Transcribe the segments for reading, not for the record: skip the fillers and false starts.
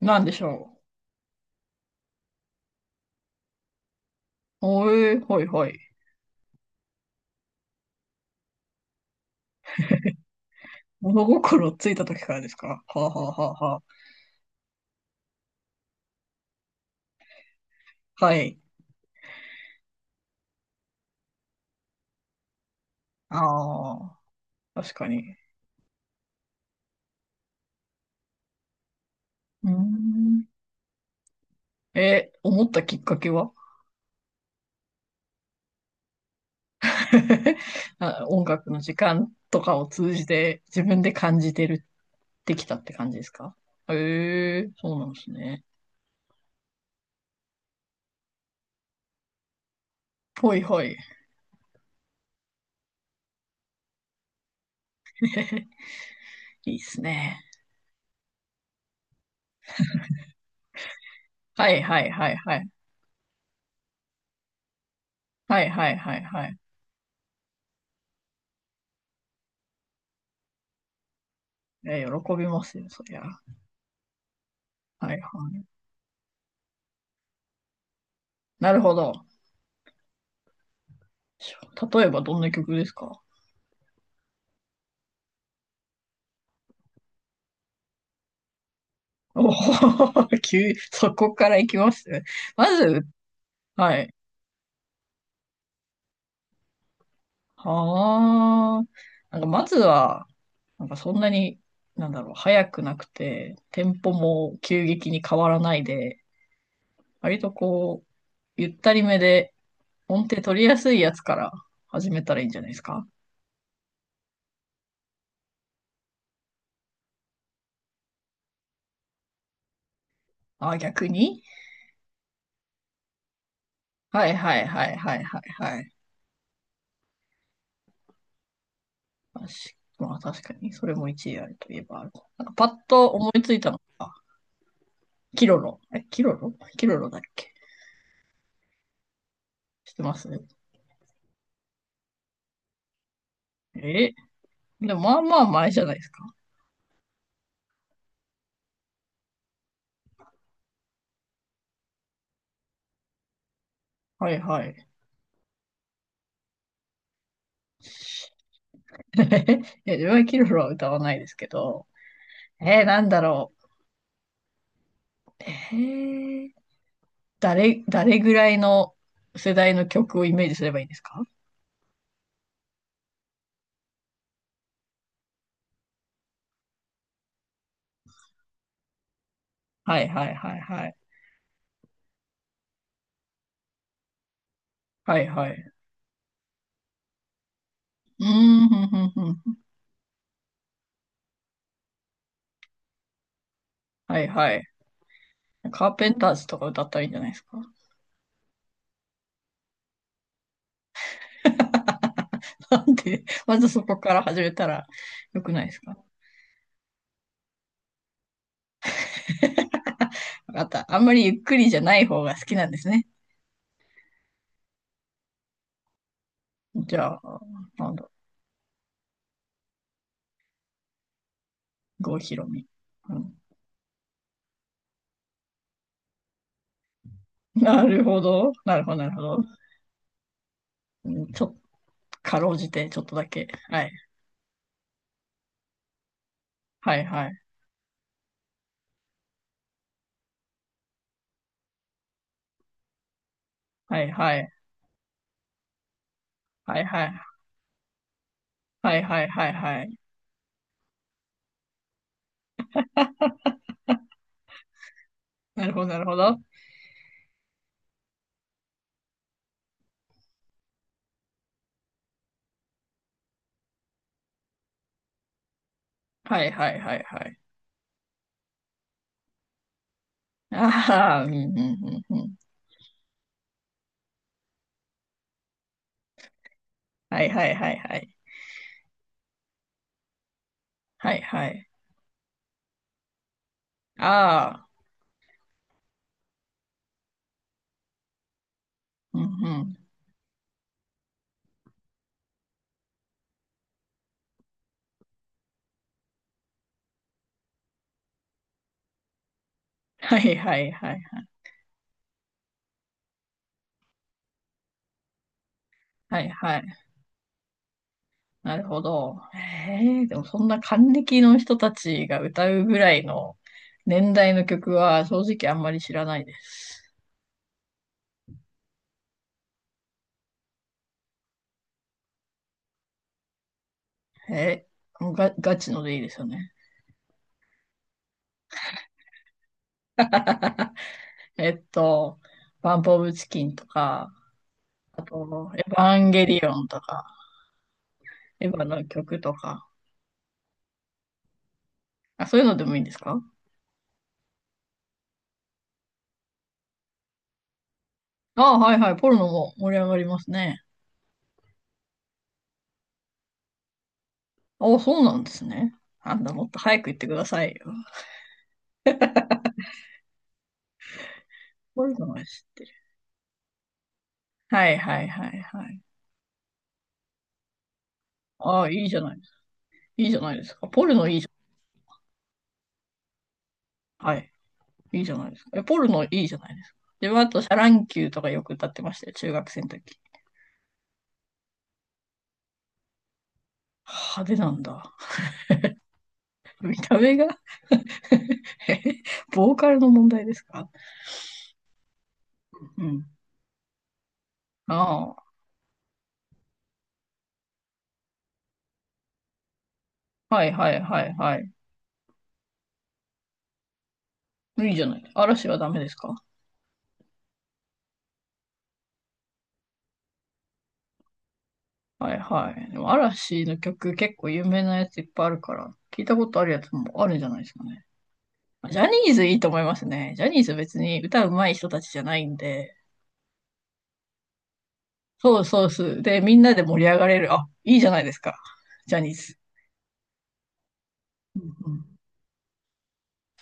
なんでしょう。おえー、ほいほい。物心ついた時からですか？はあ、はあはあはあ、はい。ああ、確かに。うーん。え、思ったきっかけは？ あ、音楽の時間とかを通じて自分で感じてるってきたって感じですか？へえ、そうなんですね。ほいほい。いいっすね。はいはいはいはい。はいはいはいはい。え、喜びますよ、そりゃ。はいはい。なるほど。例えばどんな曲ですか？おお、そこから行きますまず、はい。はあ。なんか、まずは、なんかそんなに、なんだろう、早くなくて、テンポも急激に変わらないで、割とこう、ゆったりめで、音程取りやすいやつから始めたらいいんじゃないですか？あ、逆に。はいはいはいはいはいはい。確まあ確かに、それも一理あるといえばある。なんかパッと思いついたのが、キロロ。え、キロロだっけ？してますね。え、でもまあまあ前じゃないですか。はいはい。いや、自分はキルフは歌わないですけど、なんだろう。ー、誰ぐらいの世代の曲をイメージすればいいんですか？はいはいはいはい。はいはい。うーん、ふんふんふん。はいはい。カーペンターズとか歌ったらいいんじゃないですか？ なんで、まずそこから始めたらよくないですか？わかった。あんまりゆっくりじゃない方が好きなんですね。じゃあ、なんだろう。郷ひろみ。うん。 なるほど。なるほど、なるほど。うん、ちょっと、かろうじて、ちょっとだけ。はい。はい、はい。はい、はい。はい、はい。はい、はい、はい、はい。なるほど、なるほど。はい、はい、はい、はい。ああ、うん、うん、うん、うん。はい、はい、はい、はい。はい、はい。ああ、うん、うん。はい、はい、はい。はい、はい。なるほど。ええ、でもそんな還暦の人たちが歌うぐらいの年代の曲は正直あんまり知らないです。えもうガチのでいいですよね。えっと、バンプオブチキンとか、あと、エヴァンゲリオンとか、エヴァの曲とか、あ、そういうのでもいいんですか？ああ、はいはい、ポルノも盛り上がりますね。ああ、そうなんですね。あんなもっと早く言ってくださいよ。ポルノは知ってる。はいはいはいはい。ああ、いいじゃないですか。いいじゃないですか。ポルノいいじゃん。はい。いいじゃないですか。え、ポルノいいじゃないですか。で、あと、シャ乱 Q とかよく歌ってましたよ。中学生の時。派手なんだ。見た目が。 ボーカルの問題ですか？うん。ああ、はいはいはいはい。いいじゃない。嵐はダメですか？はいはい。でも嵐の曲結構有名なやついっぱいあるから、聞いたことあるやつもあるんじゃないですかね。ジャニーズいいと思いますね。ジャニーズ別に歌うまい人たちじゃないんで、そうそうそう。で、みんなで盛り上がれる。あ、いいじゃないですか。ジャニーズ。うんうん。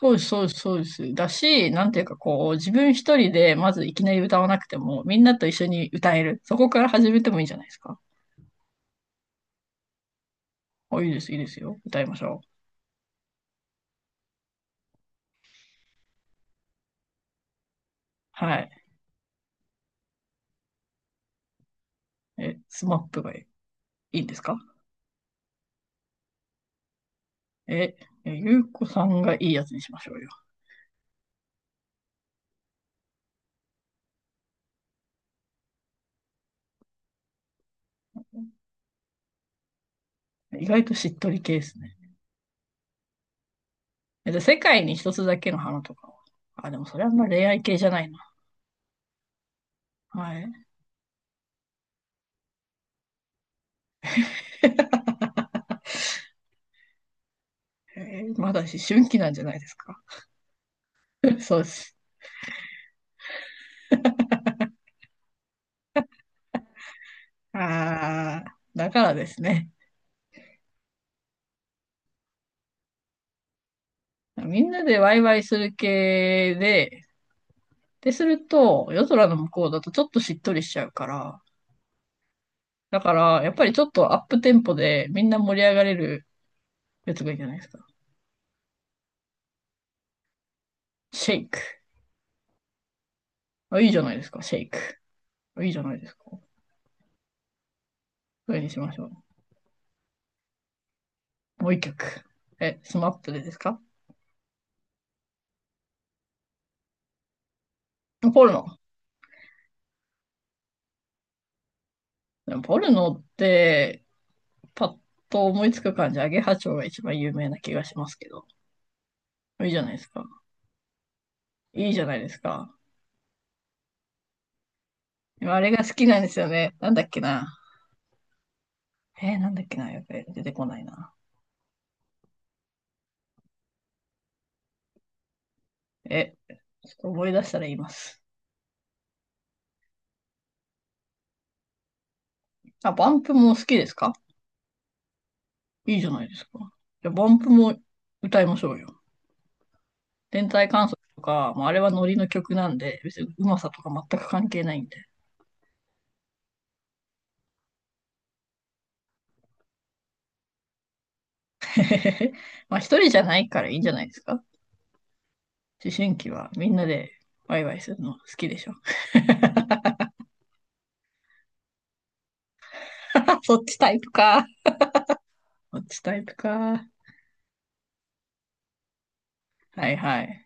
そうです、そうです、そうです。だし、なんていうかこう、自分一人でまずいきなり歌わなくても、みんなと一緒に歌える。そこから始めてもいいんじゃないですか。あ、いいです、いいですよ。歌いましょう。はい。え、スマップがいいんですか？え、えゆうこさんがいいやつにしましょうよ。意外としっとり系ですね。え、で、世界に一つだけの花とか。あ、でもそれはあんま恋愛系じゃないな。はい。えまだ思春期なんじゃないですか。そうです。あー、だからですね。みんなでワイワイする系で、で、すると、夜空の向こうだとちょっとしっとりしちゃうから、だから、やっぱりちょっとアップテンポでみんな盛り上がれるやつがいいんじゃないですか。シェイク。あ、いいじゃないですか、シェイク。あ、いいじゃないですか。それにしましょう。もう一曲。え、スマップでですか？ポルノ。でもポルノって、パッと思いつく感じ、アゲハチョウが一番有名な気がしますけど。いいじゃないですか。いいじゃないですか。あれが好きなんですよね。なんだっけな。なんだっけな、やべえ、出てこないな。え、ちょっと思い出したら言います。あ、バンプも好きですか？いいじゃないですか。じゃあ、バンプも歌いましょうよ。天体観測とか、まあ、あれはノリの曲なんで、別にうまさとか全く関係ないんで。まあ、一人じゃないからいいんじゃないですか？思春期はみんなでワイワイするの好きでしょ。そっちタイプか。そっちタイプか。はいはい。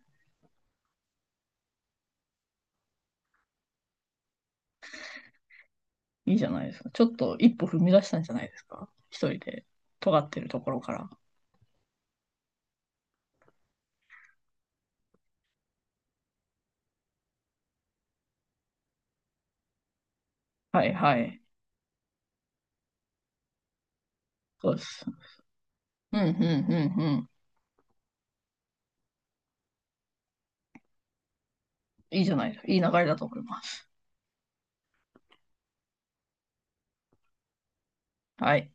いいじゃないですか。ちょっと一歩踏み出したんじゃないですか。一人で尖ってるところから。はいはい。そうです。うん、うん、うん、うん。いいじゃない。いい流れだと思います。はい。